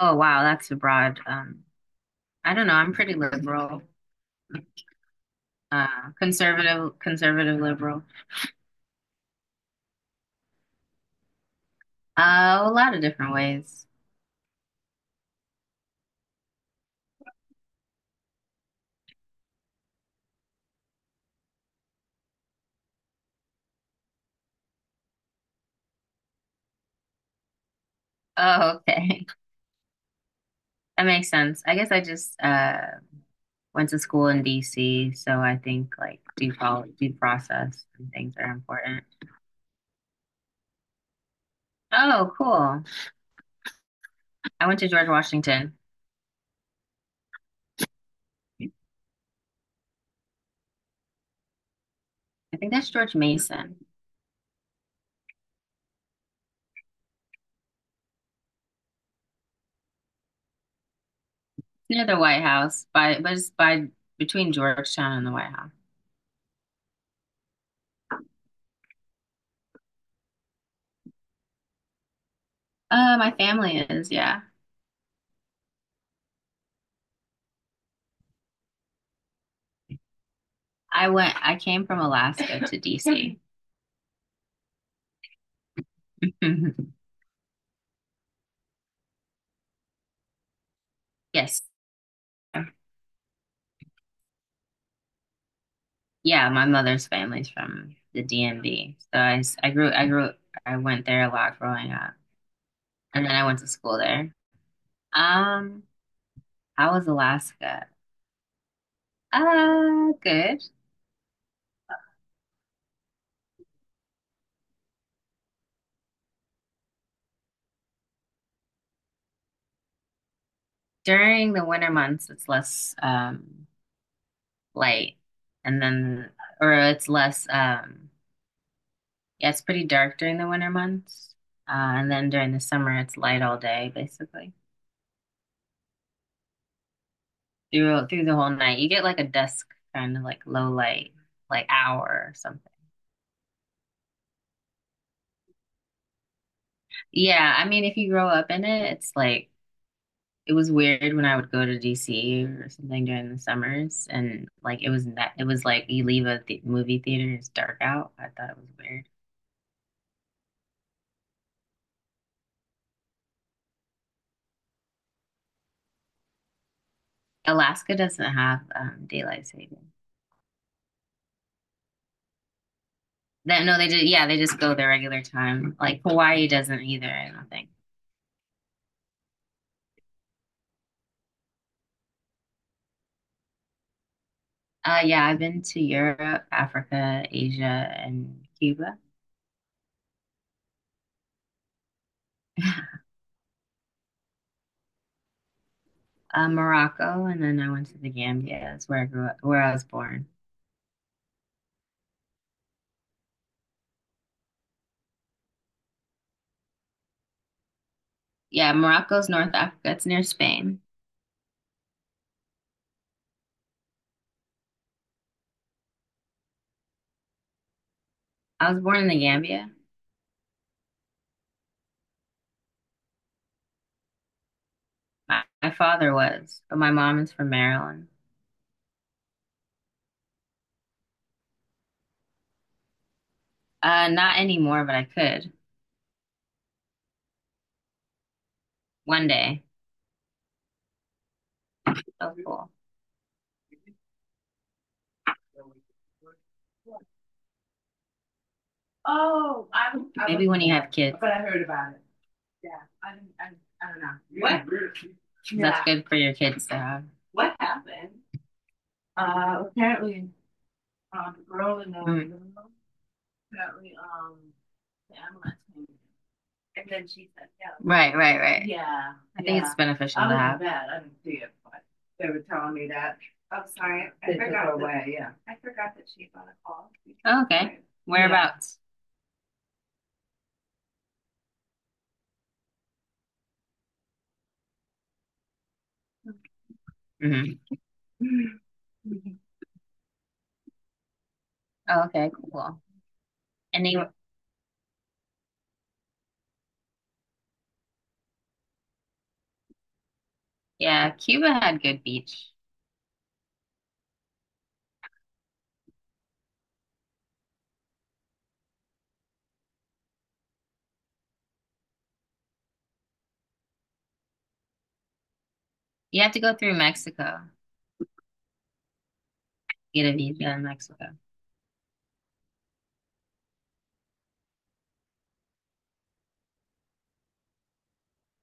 Oh wow, that's a broad. I don't know. I'm pretty liberal, conservative, conservative liberal. A lot of different ways. Oh, okay, that makes sense. I guess I just went to school in DC, so I think like due process and things are important. Oh, cool. I went to George Washington. I think that's George Mason. Near the White House, by but it's by between Georgetown and the White House. My family is, yeah. I came from Alaska to DC. Mhm. Yes. Yeah, my mother's family's from the DMV. So I grew, I went there a lot growing up. And then I went to school there. Um, how was Alaska? Good. During the winter months, it's less light, and then or it's less yeah, it's pretty dark during the winter months. Uh, and then during the summer, it's light all day, basically. Through the whole night. You get like a dusk, kind of like low light, like hour or something. Yeah, I mean, if you grow up in it, it's like it was weird when I would go to DC or something during the summers, and like it was like you leave a th movie theater, it's dark out. I thought it was weird. Alaska doesn't have daylight saving. That no, they did. Yeah, they just go their regular time. Like Hawaii doesn't either. I don't think. Yeah, I've been to Europe, Africa, Asia, and Cuba. Morocco, and then I went to the Gambia. That's where I grew up, where I was born. Yeah, Morocco's North Africa. It's near Spain. I was born in the Gambia. My father was, but my mom is from Maryland. Not anymore, but I could one day. So cool. Maybe when you have kids. What? That's good for your kids to have. Mm. Right, right, right. I think it's beneficial to have. Oh, okay. Yeah. Whereabouts? Hmm. Oh, okay, cool. And they, yeah, Cuba had good beach. You have to go through Mexico, get a visa in Mexico.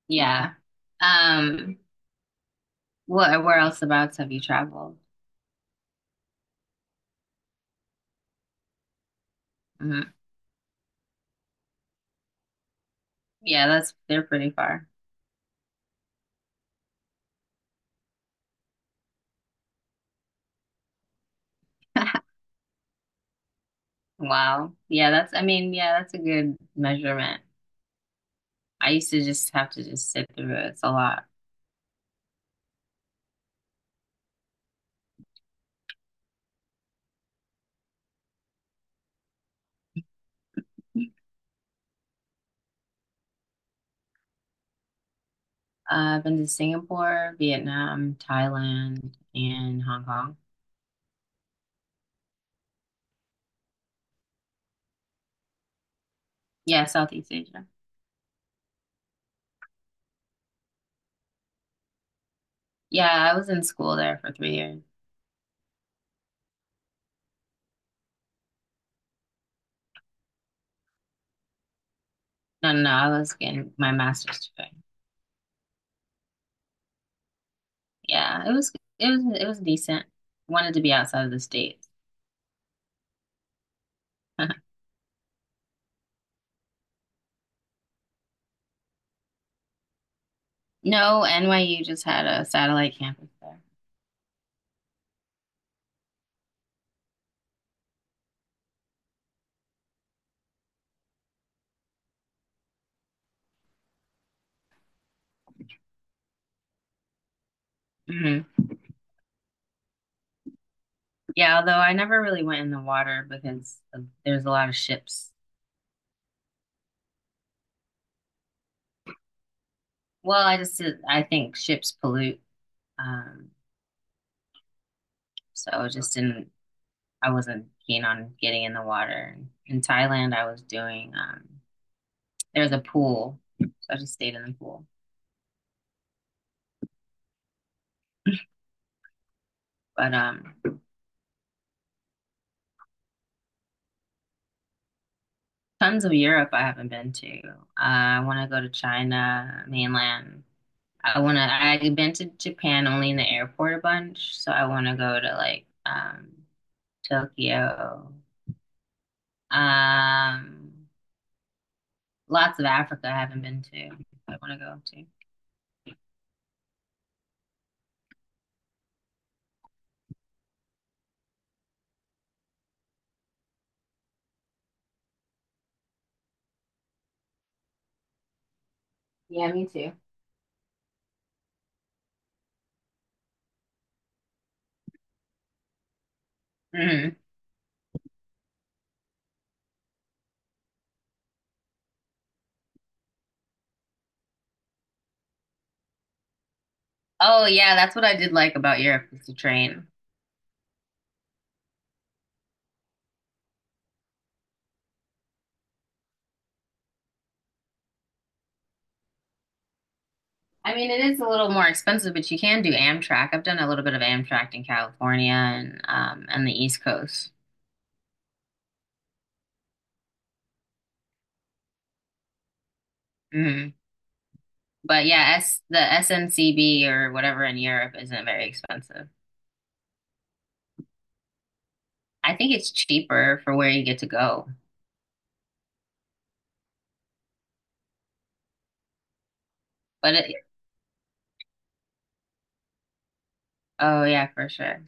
Yeah. Um, what, where else abouts have you traveled? Hmm. Yeah, that's, they're pretty far. Wow. Yeah, that's, I mean, yeah, that's a good measurement. I used to just have to just sit through it. It's a lot. I've been to Singapore, Vietnam, Thailand, and Hong Kong. Yeah, Southeast Asia. Yeah, I was in school there for 3 years. No, no, no, I was getting my master's degree. Yeah, it was decent. Wanted to be outside of the States. No, NYU just had a satellite campus there. Hmm. Yeah, although I never really went in the water because of, there's a lot of ships. Well, I think ships pollute. Um, so I just didn't, I wasn't keen on getting in the water. In Thailand, I was doing, there's a pool, so I just stayed in the pool. But Tons of Europe I haven't been to. I want to go to China, mainland. I've been to Japan only in the airport a bunch, so I want to go to like Tokyo. Um, Lots of Africa I haven't been to. I want to go to. Yeah. Yeah. Hmm. Oh yeah, that's what I did like about Europe is the train. I mean, it is a little more expensive, but you can do Amtrak. I've done a little bit of Amtrak in California and the East Coast. Mm-hmm. But yeah, S the SNCB or whatever in Europe isn't very expensive. I think it's cheaper for where you get to go. But it, oh yeah, for sure.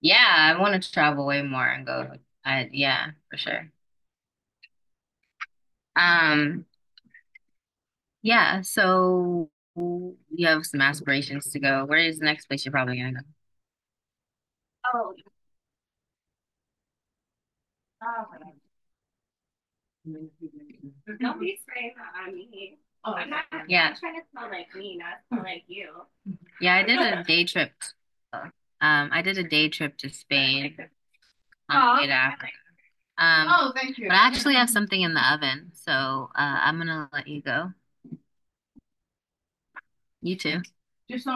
Yeah, I want to travel way more and go. I yeah, for sure. Um, yeah, so you have some aspirations to go. Where is the next place you're probably gonna go? Yeah. Yeah, I did a day trip. Um, I did a day trip to Spain on Oh, Um, but I actually have something in the oven, so I'm gonna let you go. You too.